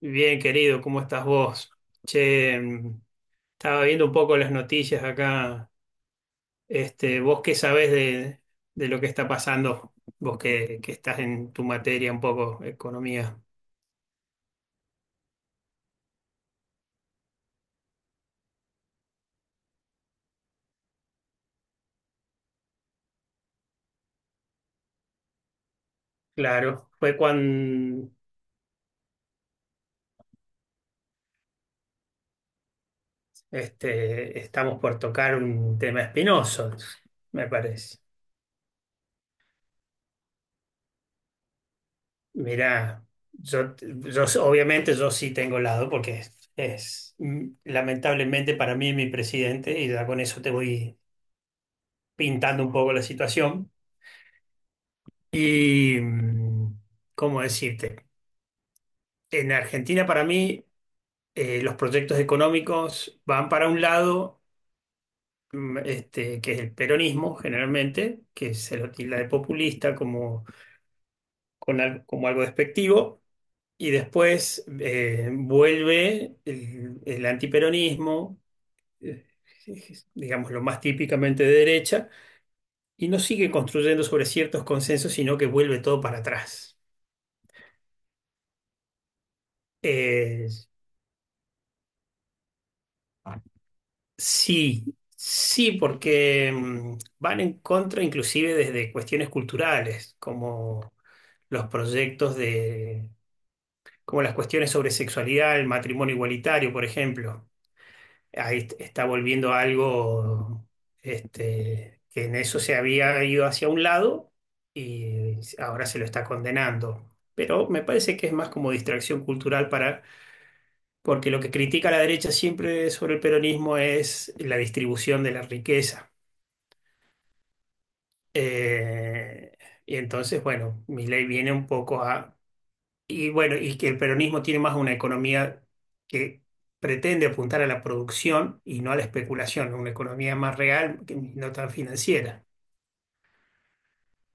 Bien, querido, ¿cómo estás vos? Che, estaba viendo un poco las noticias acá. Este, ¿vos qué sabés de lo que está pasando? Vos que estás en tu materia un poco, economía. Claro, fue cuando este, estamos por tocar un tema espinoso, me parece. Mirá, yo obviamente yo sí tengo lado porque es lamentablemente para mí mi presidente y ya con eso te voy pintando un poco la situación. Y, ¿cómo decirte? En Argentina, para mí, los proyectos económicos van para un lado, este, que es el peronismo, generalmente, que se lo tilda de populista como, como algo despectivo, y después vuelve el antiperonismo, eh, digamos lo más típicamente de derecha, y no sigue construyendo sobre ciertos consensos, sino que vuelve todo para atrás. Eh, Sí, sí, porque van en contra inclusive desde cuestiones culturales, como los proyectos de, como las cuestiones sobre sexualidad, el matrimonio igualitario, por ejemplo. Está volviendo algo este, que en eso se había ido hacia un lado y ahora se lo está condenando. Pero me parece que es más como distracción cultural para, porque lo que critica la derecha siempre sobre el peronismo es la distribución de la riqueza. Eh, y entonces, bueno, mi ley viene un poco a... Y bueno, y que el peronismo tiene más una economía que pretende apuntar a la producción y no a la especulación, una economía más real que no tan financiera.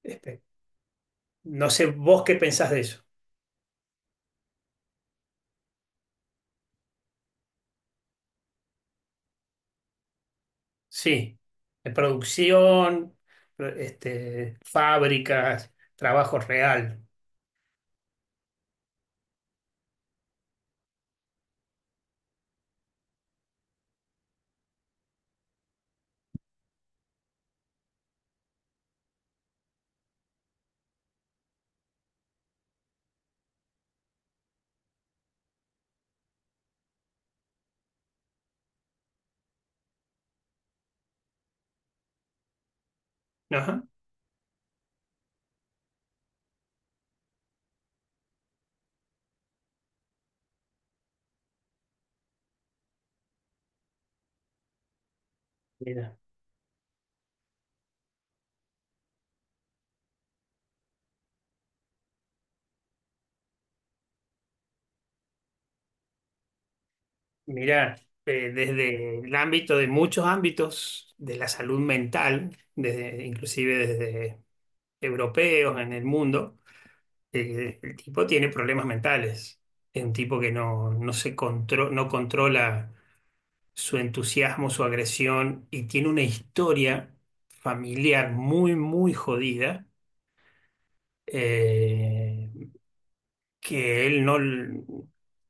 Espe- No sé vos qué pensás de eso. Sí, de producción, este, fábricas, trabajo real. Ajá. Mira. Mira, desde el ámbito de muchos ámbitos de la salud mental, desde, inclusive desde europeos en el mundo, el tipo tiene problemas mentales. Es un tipo que no, no controla su entusiasmo, su agresión y tiene una historia familiar muy, muy jodida. Eh, que él no,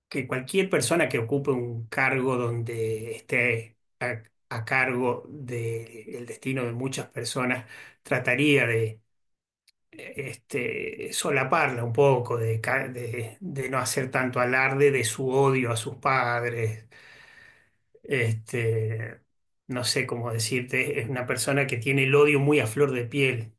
Que cualquier persona que ocupe un cargo donde esté a cargo del destino de muchas personas trataría de este, solaparla un poco, de no hacer tanto alarde de su odio a sus padres. Este, no sé cómo decirte, es una persona que tiene el odio muy a flor de piel.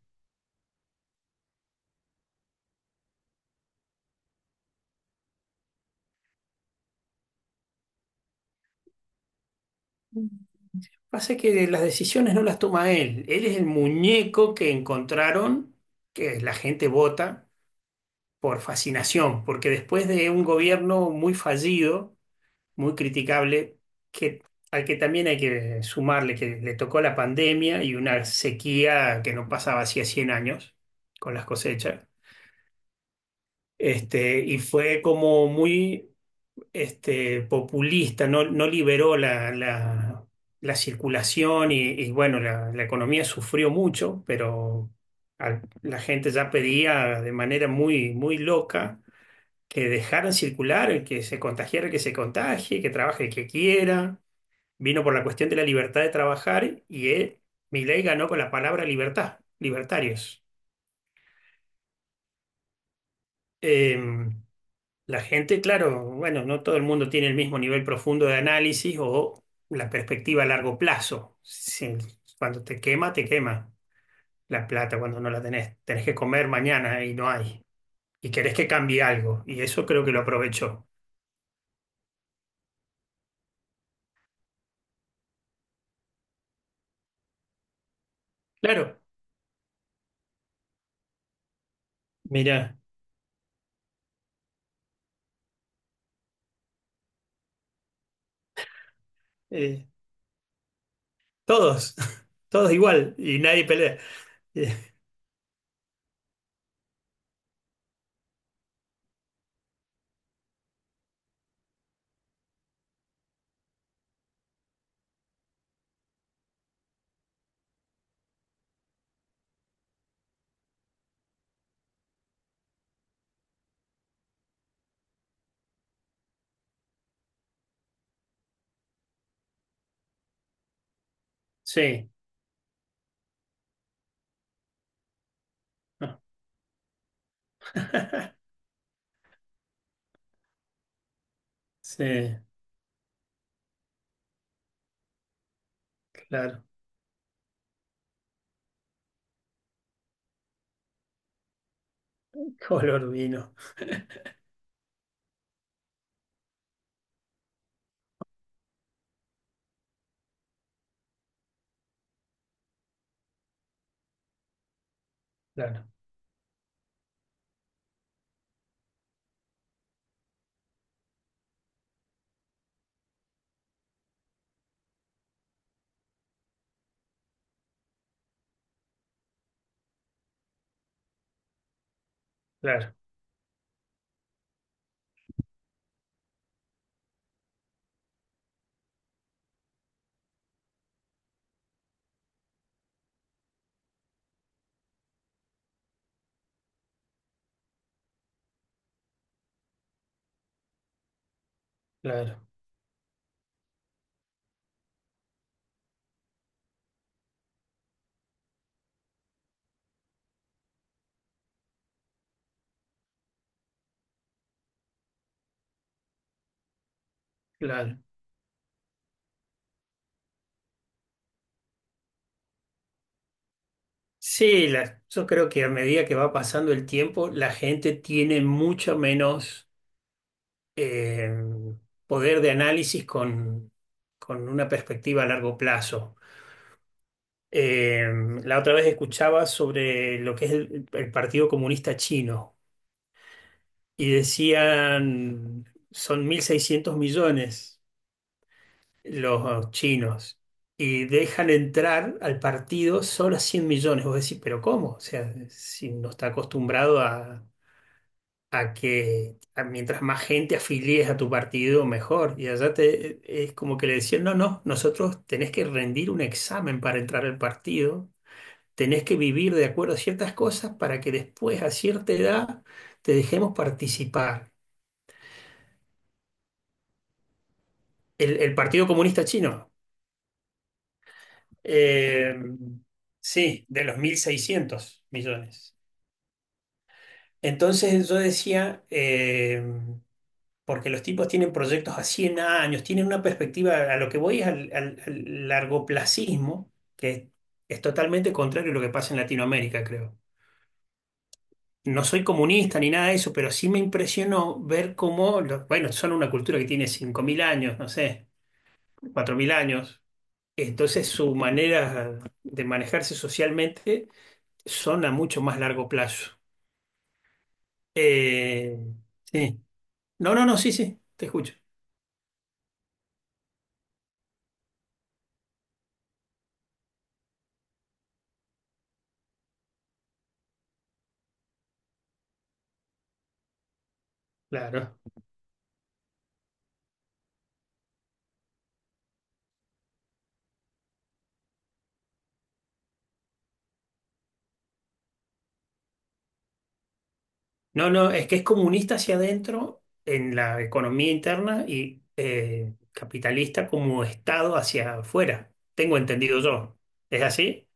Pasa que las decisiones no las toma él. Él es el muñeco que encontraron, que la gente vota por fascinación, porque después de un gobierno muy fallido, muy criticable, que, al que también hay que sumarle que le tocó la pandemia y una sequía que no pasaba hacía 100 años con las cosechas, este, y fue como muy este, populista, no liberó la la- circulación, y, bueno, la economía sufrió mucho, pero la gente ya pedía de manera muy, muy loca que dejaran circular, el que se contagiara, el que se contagie, que trabaje el que quiera. Vino por la cuestión de la libertad de trabajar y él, Milei ganó con la palabra libertad, libertarios. Em, La gente, claro, bueno, no todo el mundo tiene el mismo nivel profundo de análisis o la perspectiva a largo plazo. Cuando te quema la plata cuando no la tenés. Tenés que comer mañana y no hay. Y querés que cambie algo. Y eso creo que lo aprovechó. Claro, mira, eh, todos, todos igual y nadie pelea. Eh, Sí, no. Sí, claro. Color vino. Claro, claro, claro, claro. Sí, la- yo creo que a medida que va pasando el tiempo, la gente tiene mucho menos eh, poder de análisis con una perspectiva a largo plazo. Eh, la otra vez escuchaba sobre lo que es el Partido Comunista Chino y decían, son 1.600 millones los chinos y dejan entrar al partido solo a 100 millones. Vos decís, pero ¿cómo? O sea, si no está acostumbrado a que mientras más gente afilies a tu partido, mejor. Y allá es como que le decían, no, no, nosotros tenés que rendir un examen para entrar al partido, tenés que vivir de acuerdo a ciertas cosas para que después, a cierta edad, te dejemos participar. El Partido Comunista Chino, eh, sí, de los 1.600 millones. Entonces yo decía, porque los tipos tienen proyectos a 100 años, tienen una perspectiva, a lo que voy es al largoplacismo, que es totalmente contrario a lo que pasa en Latinoamérica, creo. No soy comunista ni nada de eso, pero sí me impresionó ver cómo, bueno, son una cultura que tiene 5.000 años, no sé, 4.000 años. Entonces su manera de manejarse socialmente son a mucho más largo plazo. Eh, sí. No, no, no, sí, sí, te escucho. Claro. No, no, es que es comunista hacia adentro en la economía interna y capitalista como Estado hacia afuera. Tengo entendido yo. ¿Es así?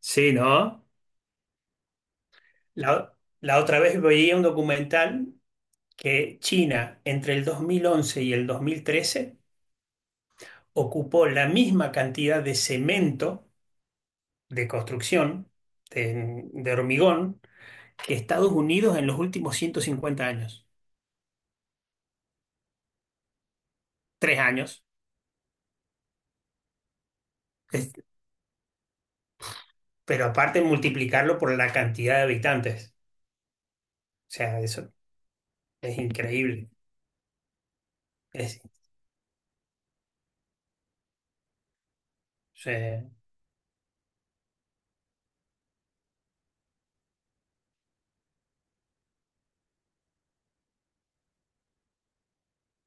Sí, ¿no? La otra vez veía un documental que China entre el 2011 y el 2013 ocupó la misma cantidad de cemento de construcción, de hormigón, que Estados Unidos en los últimos 150 años. 3 años. Es Pero aparte multiplicarlo por la cantidad de habitantes. O sea, eso es increíble. O sea,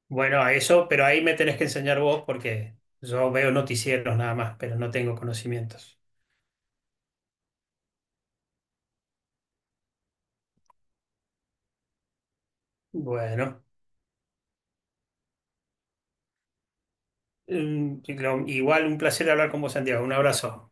bueno, eso, pero ahí me tenés que enseñar vos porque yo veo noticieros nada más, pero no tengo conocimientos. Bueno, igual un placer hablar con vos, Santiago. Un abrazo.